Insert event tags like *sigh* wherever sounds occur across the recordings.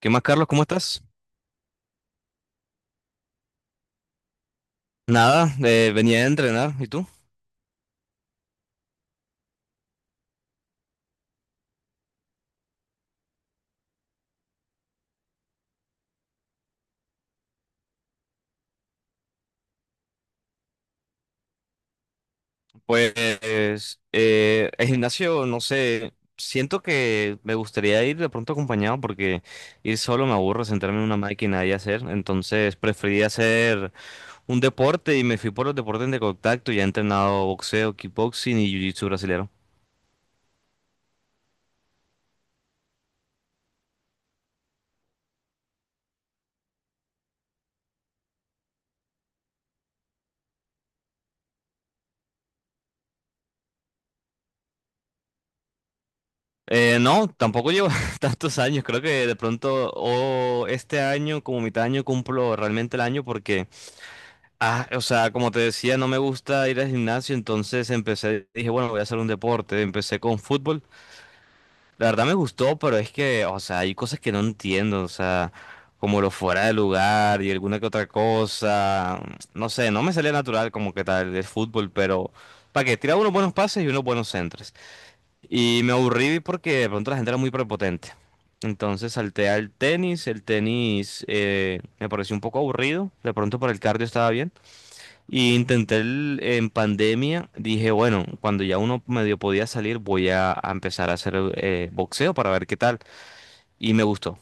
¿Qué más, Carlos? ¿Cómo estás? Nada, venía a entrenar. ¿Y tú? Pues el gimnasio, no sé, siento que me gustaría ir de pronto acompañado porque ir solo me aburro, sentarme en una máquina y hacer. Entonces preferí hacer un deporte y me fui por los deportes de contacto. Ya he entrenado boxeo, kickboxing y jiu-jitsu brasilero. No, tampoco llevo *laughs* tantos años. Creo que de pronto o este año, como mitad de año, cumplo realmente el año porque… Ah, o sea, como te decía, no me gusta ir al gimnasio, entonces empecé, dije, bueno, voy a hacer un deporte, empecé con fútbol. La verdad me gustó, pero es que, o sea, hay cosas que no entiendo, o sea, como lo fuera de lugar y alguna que otra cosa, no sé, no me salía natural como que tal el fútbol, pero para que tiraba unos buenos pases y unos buenos centros. Y me aburrí porque de pronto la gente era muy prepotente. Entonces salté al tenis, el tenis me pareció un poco aburrido, de pronto para el cardio estaba bien. Y intenté en pandemia, dije, bueno, cuando ya uno medio podía salir, voy a empezar a hacer boxeo para ver qué tal. Y me gustó.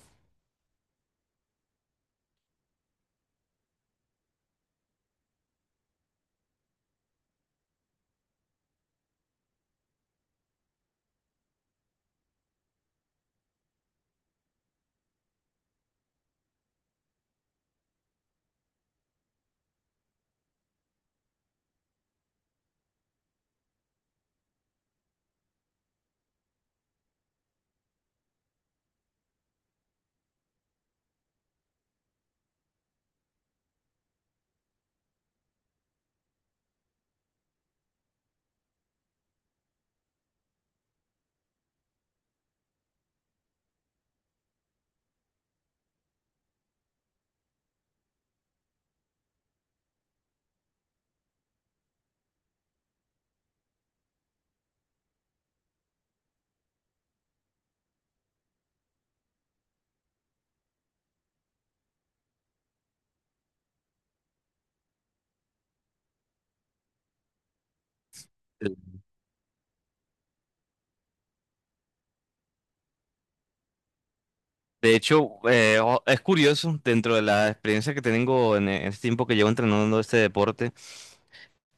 De hecho, es curioso, dentro de la experiencia que tengo en este tiempo que llevo entrenando este deporte,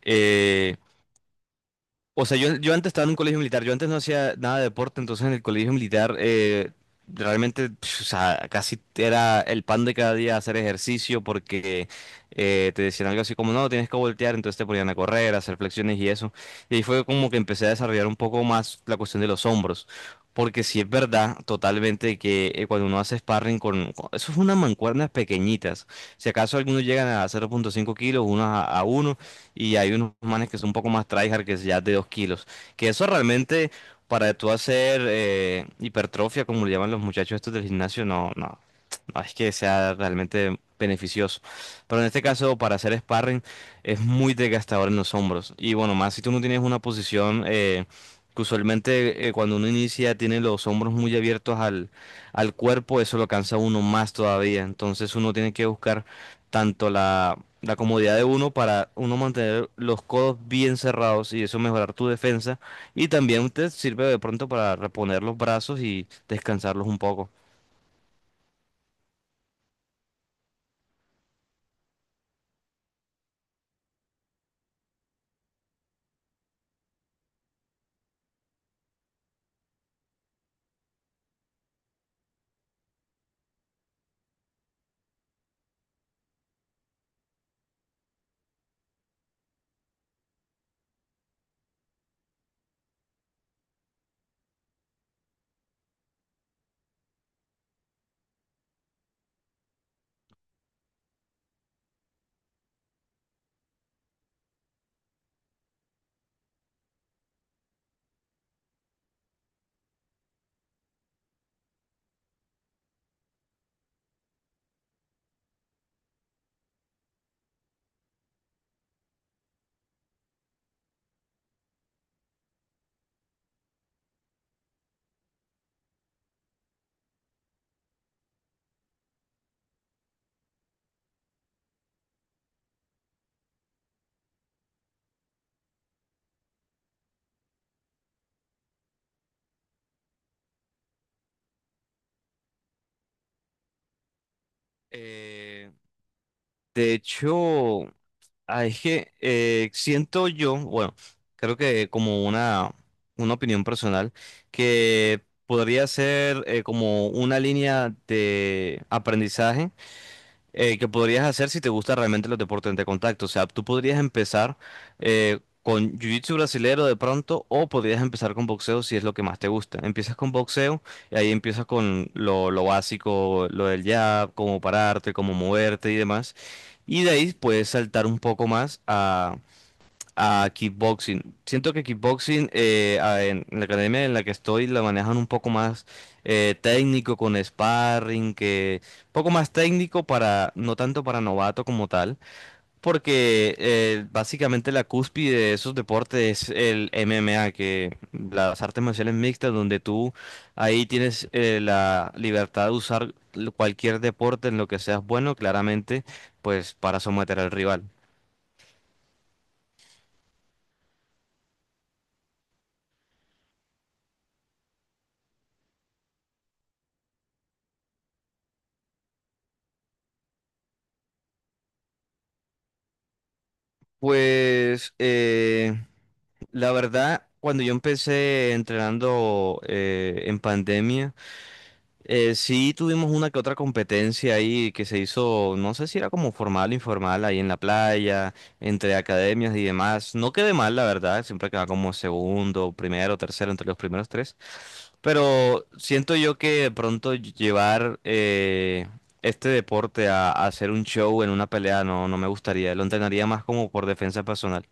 eh, o sea, yo antes estaba en un colegio militar, yo antes no hacía nada de deporte, entonces en el colegio militar realmente, pf, o sea, casi era el pan de cada día hacer ejercicio porque te decían algo así como, no, tienes que voltear, entonces te ponían a correr, a hacer flexiones y eso. Y ahí fue como que empecé a desarrollar un poco más la cuestión de los hombros, porque sí es verdad totalmente que cuando uno hace sparring eso es unas mancuernas pequeñitas, si acaso algunos llegan a 0.5 kilos, unos a, uno y hay unos manes que son un poco más tryhard que es ya es de 2 kilos. Que eso realmente para tú hacer hipertrofia, como le llaman los muchachos estos del gimnasio, no es que sea realmente beneficioso. Pero en este caso, para hacer sparring, es muy desgastador en los hombros. Y bueno, más si tú no tienes una posición... que usualmente cuando uno inicia tiene los hombros muy abiertos al cuerpo, eso lo cansa a uno más todavía. Entonces uno tiene que buscar tanto la comodidad de uno para uno mantener los codos bien cerrados y eso mejorar tu defensa. Y también te sirve de pronto para reponer los brazos y descansarlos un poco. Eh, de hecho, ah, es que siento yo, bueno, creo que como una opinión personal, que podría ser como una línea de aprendizaje que podrías hacer si te gusta realmente los deportes de contacto. O sea, tú podrías empezar con jiu-jitsu brasilero de pronto o podrías empezar con boxeo si es lo que más te gusta. Empiezas con boxeo y ahí empiezas con lo básico, lo del jab, cómo pararte, cómo moverte y demás. Y de ahí puedes saltar un poco más a kickboxing. Siento que kickboxing en la academia en la que estoy la manejan un poco más técnico con sparring, que poco más técnico para, no tanto para novato como tal, porque básicamente la cúspide de esos deportes es el MMA, que las artes marciales mixtas, donde tú ahí tienes la libertad de usar cualquier deporte en lo que seas bueno, claramente, pues para someter al rival. Pues la verdad, cuando yo empecé entrenando en pandemia, sí, tuvimos una que otra competencia ahí que se hizo, no sé si era como formal o informal, ahí en la playa, entre academias y demás. No quedé mal, la verdad, siempre quedaba como segundo, primero, tercero, entre los primeros tres. Pero siento yo que de pronto llevar este deporte a hacer un show en una pelea no me gustaría, lo entrenaría más como por defensa personal.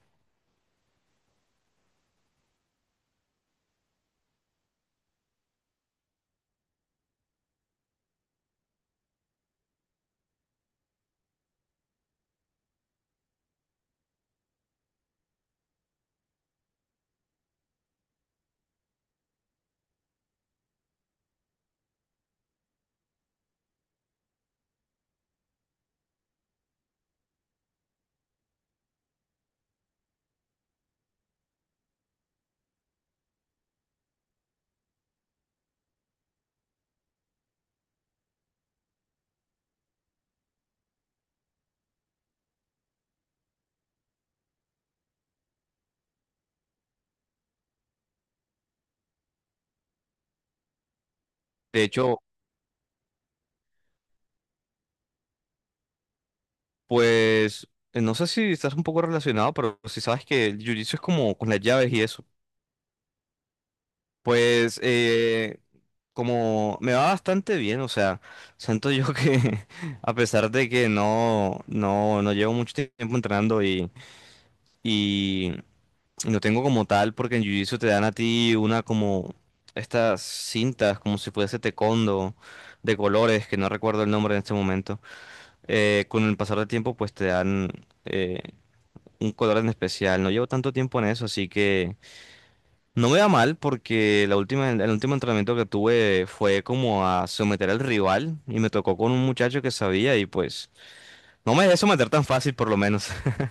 De hecho, pues, no sé si estás un poco relacionado, pero si sabes que el jiu-jitsu es como con las llaves y eso. Pues como me va bastante bien, o sea, siento yo que *laughs* a pesar de que no llevo mucho tiempo entrenando y no tengo como tal, porque en Jiu-Jitsu te dan a ti una como estas cintas, como si fuese taekwondo de colores, que no recuerdo el nombre en este momento. Con el pasar del tiempo pues te dan eh, un color en especial. No llevo tanto tiempo en eso, así que… No me va mal porque la última, el último entrenamiento que tuve fue como a someter al rival y me tocó con un muchacho que sabía y pues no me dejé someter tan fácil por lo menos. *laughs*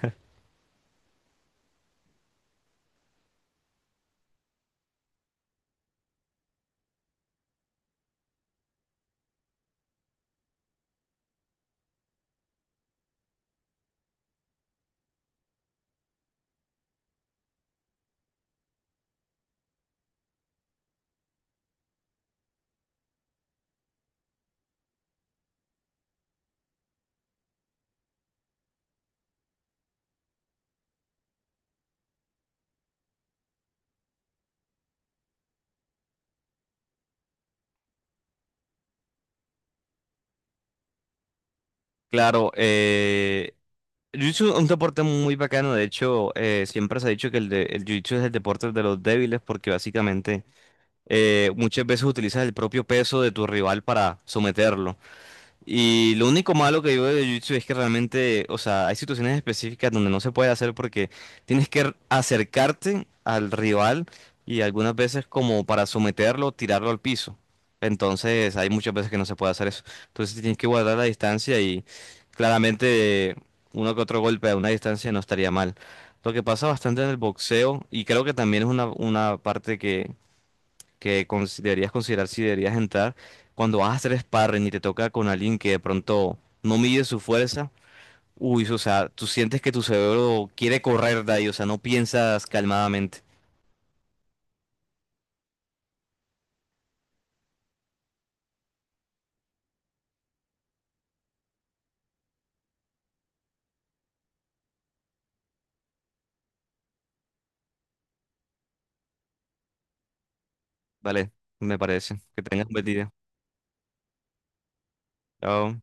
Claro, Jiu-Jitsu es un deporte muy bacano, de hecho siempre se ha dicho que el Jiu-Jitsu es el deporte de los débiles porque básicamente muchas veces utilizas el propio peso de tu rival para someterlo. Y lo único malo que digo de Jiu-Jitsu es que realmente, o sea, hay situaciones específicas donde no se puede hacer porque tienes que acercarte al rival y algunas veces como para someterlo, tirarlo al piso. Entonces, hay muchas veces que no se puede hacer eso. Entonces, tienes que guardar la distancia y claramente uno que otro golpe a una distancia no estaría mal. Lo que pasa bastante en el boxeo y creo que también es una parte que deberías considerar si deberías entrar cuando vas a hacer sparring y te toca con alguien que de pronto no mide su fuerza. Uy, o sea, tú sientes que tu cerebro quiere correr de ahí, o sea, no piensas calmadamente. Vale, me parece. Que tengas un buen día. Chao.